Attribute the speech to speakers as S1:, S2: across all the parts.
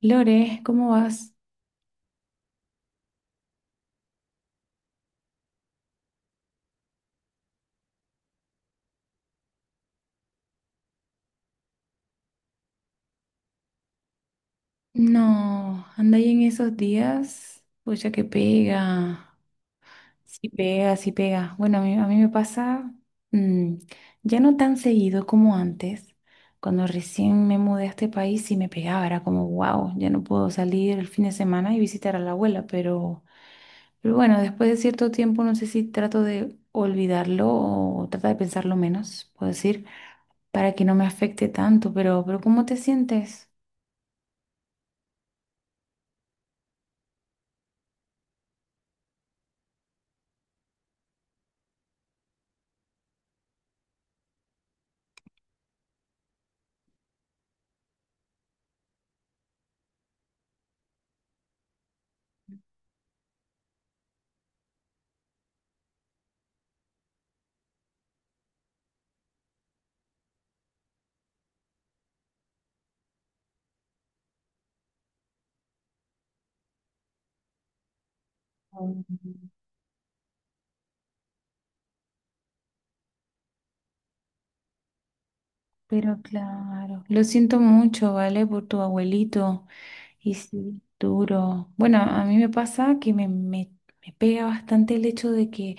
S1: Lore, ¿cómo vas? No, anda ahí en esos días. Pucha que pega. Sí pega, sí pega. Bueno, a mí me pasa mm, ya no tan seguido como antes. Cuando recién me mudé a este país sí me pegaba, era como, wow, ya no puedo salir el fin de semana y visitar a la abuela, pero bueno, después de cierto tiempo no sé si trato de olvidarlo o tratar de pensarlo menos, puedo decir, para que no me afecte tanto, pero ¿cómo te sientes? Mm. Pero claro, lo siento mucho, ¿vale? Por tu abuelito. Y sí, duro. Bueno, a mí me pasa me pega bastante el hecho de que,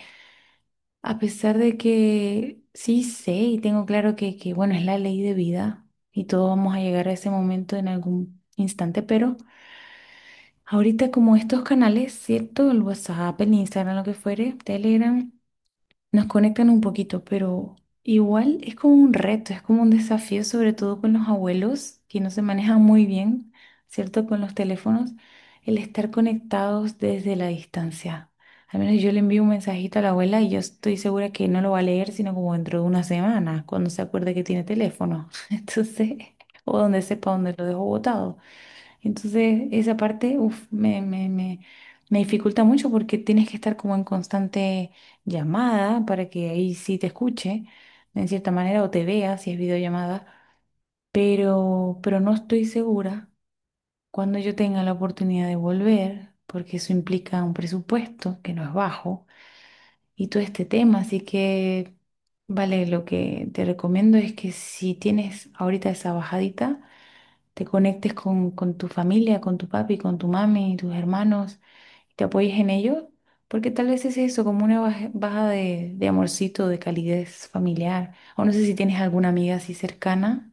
S1: a pesar de que sí sé y tengo claro que, bueno, es la ley de vida y todos vamos a llegar a ese momento en algún instante, pero ahorita como estos canales, ¿cierto? El WhatsApp, el Instagram, lo que fuere, Telegram. Nos conectan un poquito, pero igual es como un reto, es como un desafío, sobre todo con los abuelos que no se manejan muy bien, ¿cierto? Con los teléfonos, el estar conectados desde la distancia. Al menos yo le envío un mensajito a la abuela y yo estoy segura que no lo va a leer, sino como dentro de una semana, cuando se acuerde que tiene teléfono. Entonces, o donde sepa dónde lo dejo botado. Entonces, esa parte, uf, me dificulta mucho porque tienes que estar como en constante llamada para que ahí sí te escuche, en cierta manera, o te vea si es videollamada, pero no estoy segura cuando yo tenga la oportunidad de volver, porque eso implica un presupuesto que no es bajo y todo este tema, así que, vale, lo que te recomiendo es que si tienes ahorita esa bajadita, te conectes con tu familia, con tu papi, con tu mami, tus hermanos, y te apoyes en ellos, porque tal vez es eso, como una baja, baja de amorcito, de calidez familiar. O no sé si tienes alguna amiga así cercana.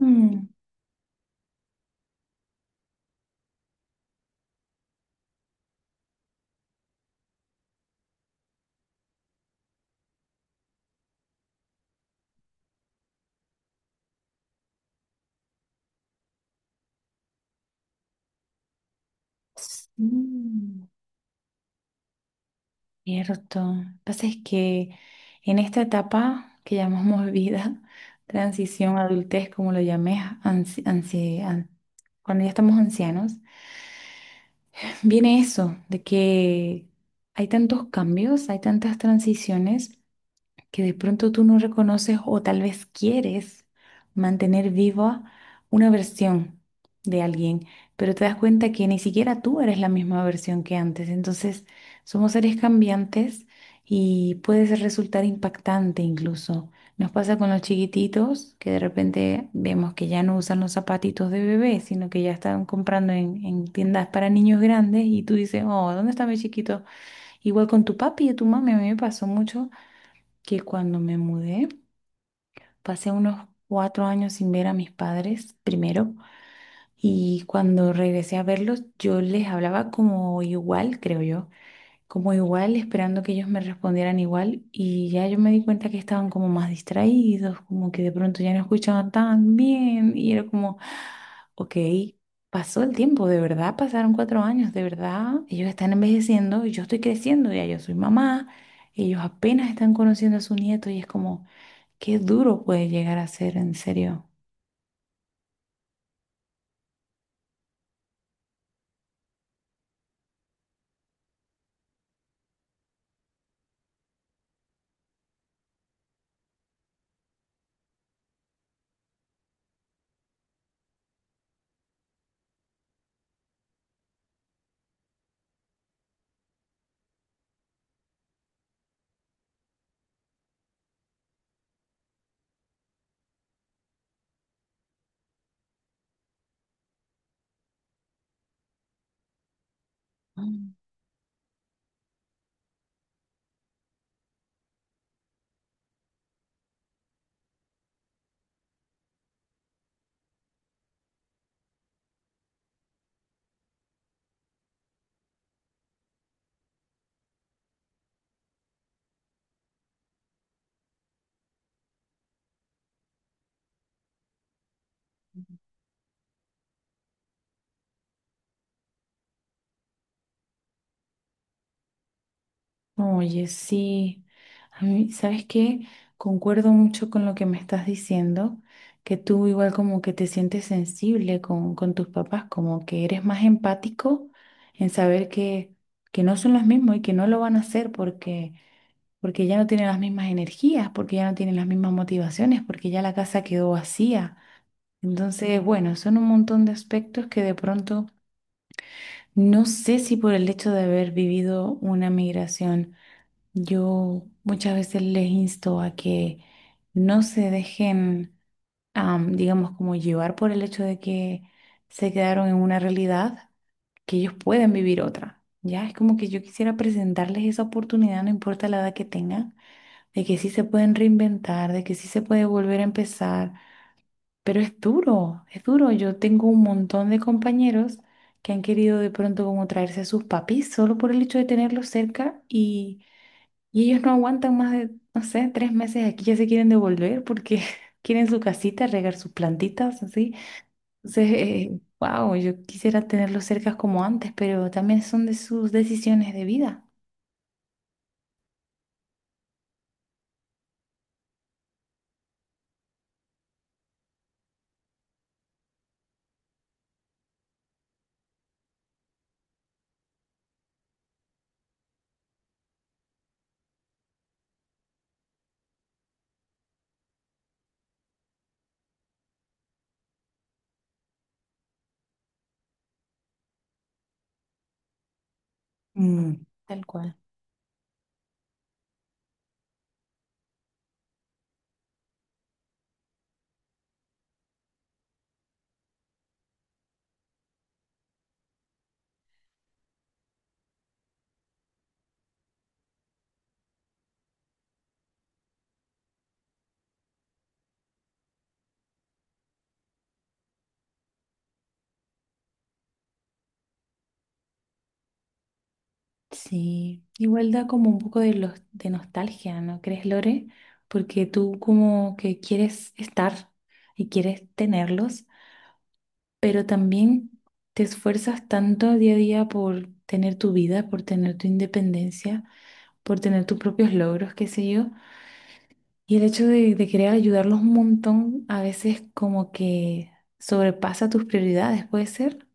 S1: Mm, sí, cierto. Lo que pasa es que en esta etapa que llamamos vida, transición, adultez, como lo llamé, ansi- ansi- an- cuando ya estamos ancianos, viene eso, de que hay tantos cambios, hay tantas transiciones que de pronto tú no reconoces o tal vez quieres mantener viva una versión de alguien, pero te das cuenta que ni siquiera tú eres la misma versión que antes. Entonces, somos seres cambiantes y resultar impactante incluso. Nos pasa con los chiquititos que de repente vemos que ya no usan los zapatitos de bebé, sino que ya están comprando en tiendas para niños grandes y tú dices, oh, ¿dónde está mi chiquito? Igual con tu papi y tu mami, a mí me pasó mucho que cuando me mudé, pasé unos cuatro años sin ver a mis padres primero y cuando regresé a verlos, yo les hablaba como igual, creo yo, como igual, esperando que ellos me respondieran igual y ya yo me di cuenta que estaban como más distraídos, como que de pronto ya no escuchaban tan bien y era como, ok. Pasó el tiempo, de verdad pasaron cuatro años, de verdad ellos están envejeciendo y yo estoy creciendo, ya yo soy mamá, ellos apenas están conociendo a su nieto y es como, qué duro puede llegar a ser, en serio. Mm. Oye, sí. A mí, ¿sabes qué? Concuerdo mucho con lo que me estás diciendo, que tú igual como que te sientes sensible con tus papás, como que eres más empático en saber que no son los mismos y que no lo van a hacer porque ya no tienen las mismas energías, porque ya no tienen las mismas motivaciones, porque ya la casa quedó vacía. Entonces, bueno, son un montón de aspectos que de pronto no sé si por el hecho de haber vivido una migración, yo muchas veces les insto a que no se dejen, digamos, como llevar por el hecho de que se quedaron en una realidad, que ellos pueden vivir otra. Ya es como que yo quisiera presentarles esa oportunidad, no importa la edad que tengan, de que sí se pueden reinventar, de que sí se puede volver a empezar pero es duro, es duro. Yo tengo un montón de compañeros que han querido de pronto como traerse a sus papis solo por el hecho de tenerlos cerca y ellos no aguantan más de, no sé, tres meses aquí, ya se quieren devolver porque quieren su casita, regar sus plantitas, así. Entonces, wow, yo quisiera tenerlos cerca como antes, pero también son de sus decisiones de vida. Mm, tal cual. Sí, igual da como un poco de, los, de nostalgia, ¿no crees, Lore? Porque tú como que quieres estar y quieres tenerlos, pero también te esfuerzas tanto día a día por tener tu vida, por tener tu independencia, por tener tus propios logros, qué sé yo. Y el hecho de querer ayudarlos un montón a veces como que sobrepasa tus prioridades, puede ser,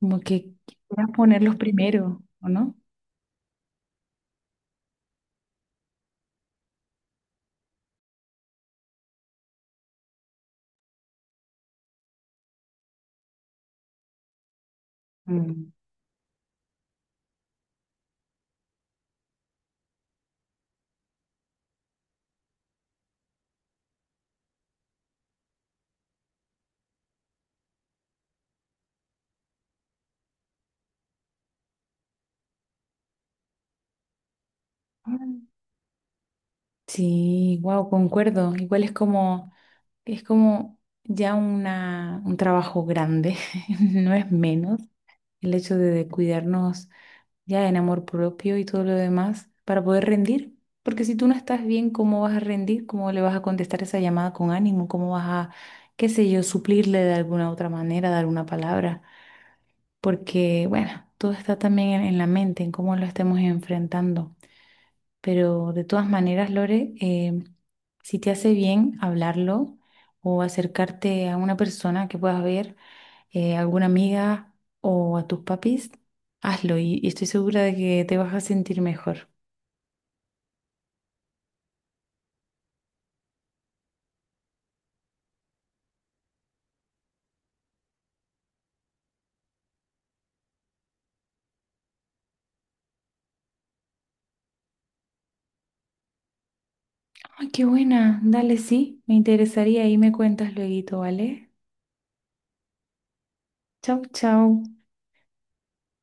S1: como que quieras ponerlos primero, ¿o no? Mm. Sí, wow, concuerdo. Igual es como ya una, un trabajo grande, no es menos el hecho de cuidarnos ya en amor propio y todo lo demás para poder rendir. Porque si tú no estás bien, ¿cómo vas a rendir? ¿Cómo le vas a contestar esa llamada con ánimo? ¿Cómo vas a, qué sé yo, suplirle de alguna otra manera, dar una palabra? Porque, bueno, todo está también en la mente, en cómo lo estemos enfrentando. Pero de todas maneras, Lore, si te hace bien hablarlo o acercarte a una persona que puedas ver, alguna amiga o a tus papis, hazlo y estoy segura de que te vas a sentir mejor. ¡Ay, qué buena! Dale, sí, me interesaría y me cuentas luego, ¿vale? Chau, chau.